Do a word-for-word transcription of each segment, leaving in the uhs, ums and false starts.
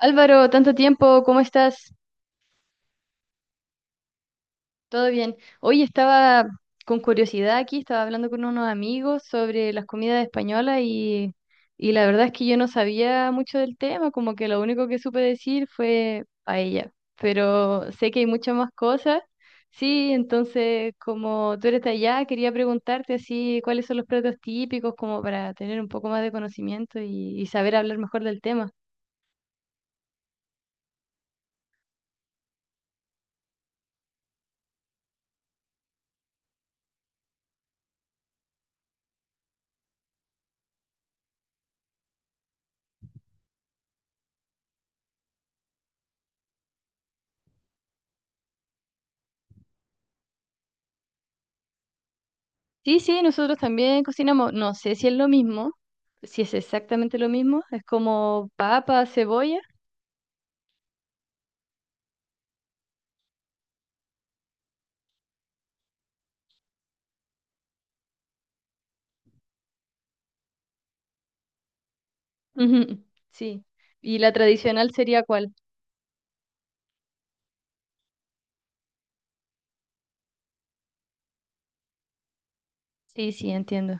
Álvaro, tanto tiempo, ¿cómo estás? ¿Todo bien? Hoy estaba con curiosidad aquí, estaba hablando con unos amigos sobre las comidas españolas y, y la verdad es que yo no sabía mucho del tema, como que lo único que supe decir fue paella, pero sé que hay muchas más cosas. Sí, entonces como tú eres de allá, quería preguntarte así cuáles son los platos típicos como para tener un poco más de conocimiento y y saber hablar mejor del tema. Sí, sí, nosotros también cocinamos, no sé si es lo mismo, si es exactamente lo mismo, es como papa, cebolla. Ujú, sí. ¿Y la tradicional sería cuál? Sí, sí, entiendo.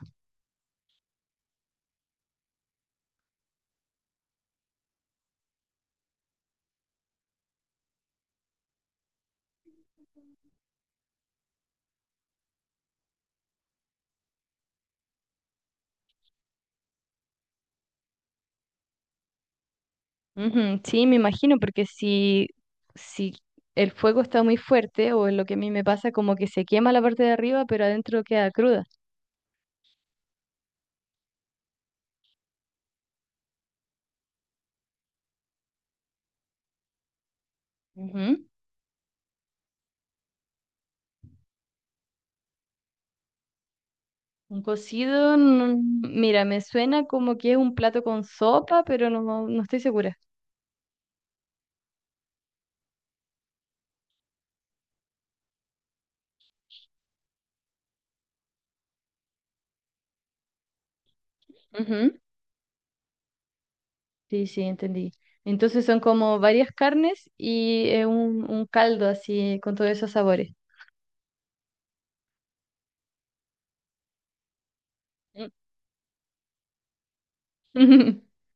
Ujú, sí, me imagino, porque si, si el fuego está muy fuerte, o es lo que a mí me pasa, como que se quema la parte de arriba, pero adentro queda cruda. Ujú. Un cocido, no- mira, me suena como que es un plato con sopa, pero no, no estoy segura. Sí, sí, entendí. Entonces son como varias carnes y eh, un, un caldo así con todos esos sabores. Mm.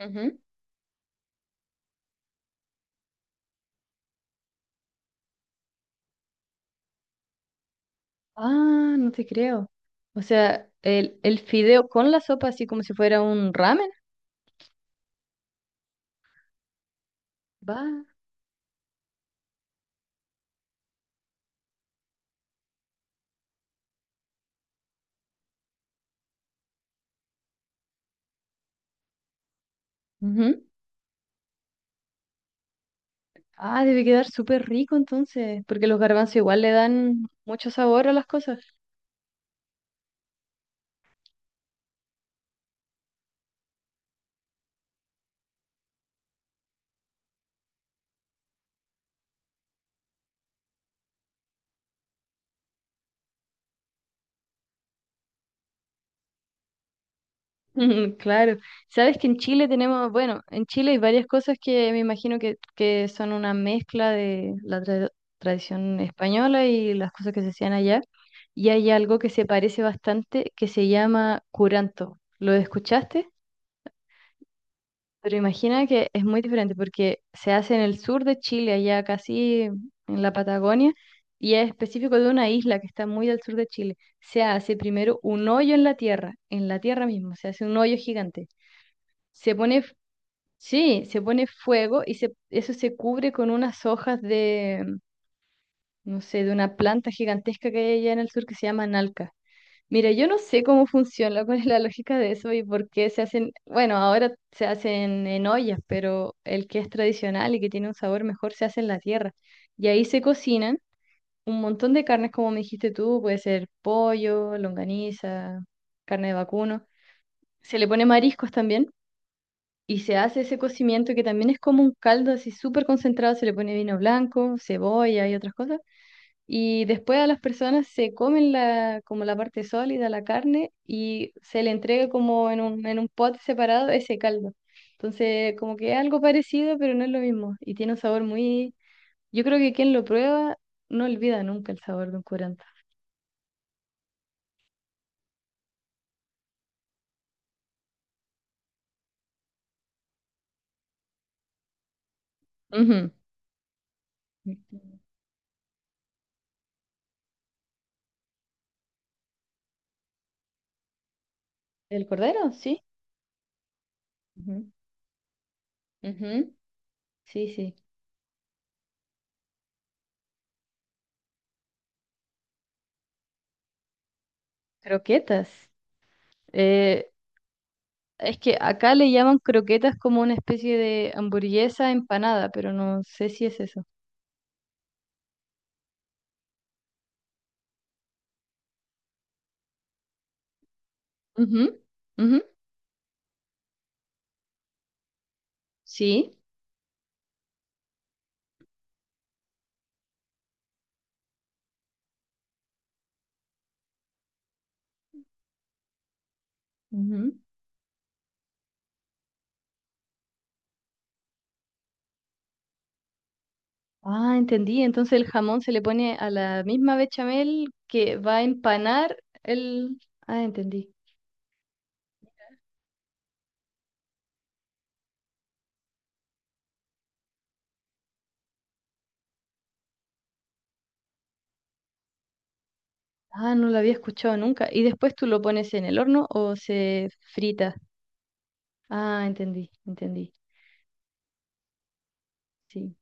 Ujú. Ah, no te creo. O sea, el, el fideo con la sopa así como si fuera un ramen. Va. Ujú. Ah, debe quedar súper rico entonces, porque los garbanzos igual le dan mucho sabor a las cosas. Claro, sabes que en Chile tenemos, bueno, en Chile hay varias cosas que me imagino que, que son una mezcla de la tra- tradición española y las cosas que se hacían allá. Y hay algo que se parece bastante que se llama curanto. ¿Lo escuchaste? Pero imagina que es muy diferente porque se hace en el sur de Chile, allá casi en la Patagonia, y es específico de una isla que está muy al sur de Chile. Se hace primero un hoyo en la tierra, en la tierra mismo, se hace un hoyo gigante. Se pone Sí, se pone fuego y se, eso se cubre con unas hojas de, no sé, de una planta gigantesca que hay allá en el sur que se llama nalca. Mira, yo no sé cómo funciona, cuál es la lógica de eso y por qué se hacen, bueno, ahora se hacen en ollas, pero el que es tradicional y que tiene un sabor mejor se hace en la tierra. Y ahí se cocinan un montón de carnes, como me dijiste tú, puede ser pollo, longaniza, carne de vacuno. Se le pone mariscos también y se hace ese cocimiento que también es como un caldo así súper concentrado, se le pone vino blanco, cebolla y otras cosas. Y después a las personas se comen la, como la parte sólida, la carne, y se le entrega como en un, en un pot separado ese caldo. Entonces, como que es algo parecido, pero no es lo mismo. Y tiene un sabor muy... Yo creo que quien lo prueba no olvida nunca el sabor de un curanto. Ujú. ¿El cordero? Sí. Ujú. Ujú. Sí, sí. Croquetas. Eh, Es que acá le llaman croquetas como una especie de hamburguesa empanada, pero no sé si es eso. Ujú, ujú, sí. Ujú. Ah, entendí. Entonces el jamón se le pone a la misma bechamel que va a empanar el... Ah, entendí. Ah, no lo había escuchado nunca. ¿Y después tú lo pones en el horno o se frita? Ah, entendí, entendí. Sí.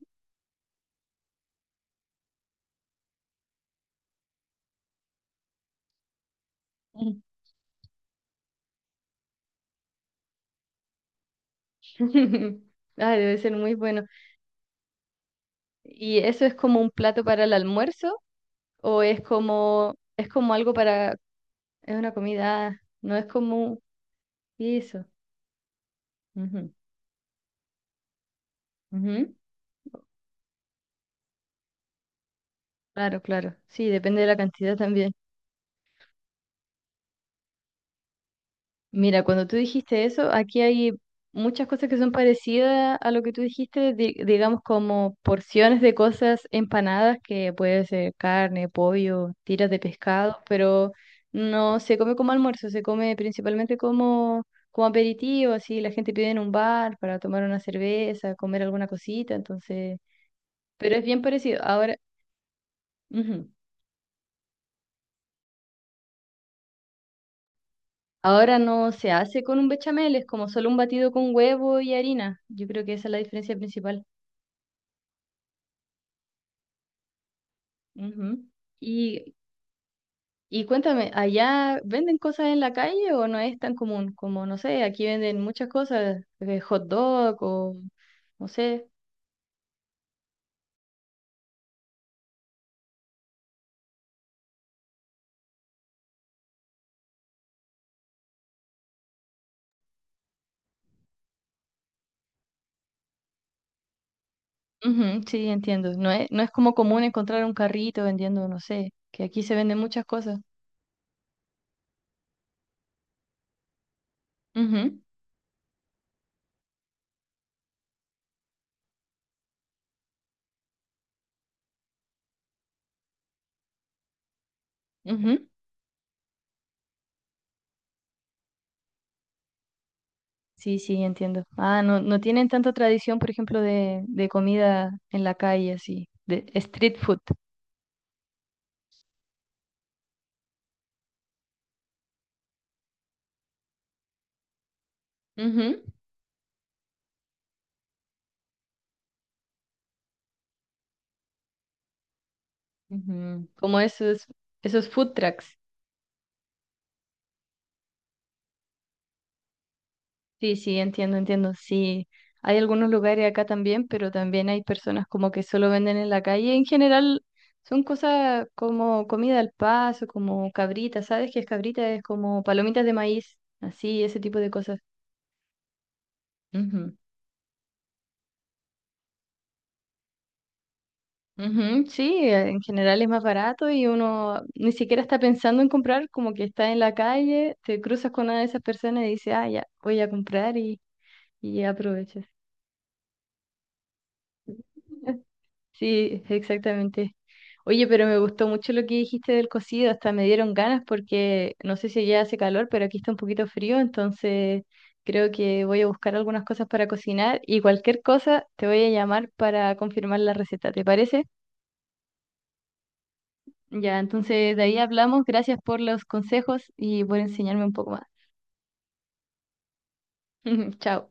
Ah, debe ser muy bueno. ¿Y eso es como un plato para el almuerzo? O es como, es como algo para, es una comida, no es como eso. Ujú, ujú. Claro, claro. Sí, depende de la cantidad también. Mira, cuando tú dijiste eso, aquí hay muchas cosas que son parecidas a lo que tú dijiste, di- digamos como porciones de cosas empanadas, que puede ser carne, pollo, tiras de pescado, pero no se come como almuerzo, se come principalmente como, como aperitivo, así la gente pide en un bar para tomar una cerveza, comer alguna cosita, entonces, pero es bien parecido. Ahora, ujú. Ahora no se hace con un bechamel, es como solo un batido con huevo y harina. Yo creo que esa es la diferencia principal. Ujú. Y, y cuéntame, ¿allá venden cosas en la calle o no es tan común? Como, no sé, aquí venden muchas cosas, eh, hot dog o no sé. Ujú, sí, entiendo. No es, no es como común encontrar un carrito vendiendo, no sé, que aquí se venden muchas cosas. Ujú, ujú. Sí, sí, entiendo. Ah, no, no tienen tanta tradición, por ejemplo, de, de comida en la calle, así, de street food. Ujú, ujú. Como esos, esos food trucks. Sí, sí, entiendo, entiendo. Sí, hay algunos lugares acá también, pero también hay personas como que solo venden en la calle. En general son cosas como comida al paso, como cabrita, ¿sabes qué es cabrita? Es como palomitas de maíz, así, ese tipo de cosas. Ujú, ujú, sí, eh, en general es más barato y uno ni siquiera está pensando en comprar, como que está en la calle, te cruzas con una de esas personas y dices, ah, ya, voy a comprar y, y aprovechas. Sí, exactamente. Oye, pero me gustó mucho lo que dijiste del cocido, hasta me dieron ganas porque no sé si ya hace calor, pero aquí está un poquito frío, entonces creo que voy a buscar algunas cosas para cocinar y cualquier cosa te voy a llamar para confirmar la receta, ¿te parece? Ya, entonces de ahí hablamos. Gracias por los consejos y por enseñarme un poco más. Chao.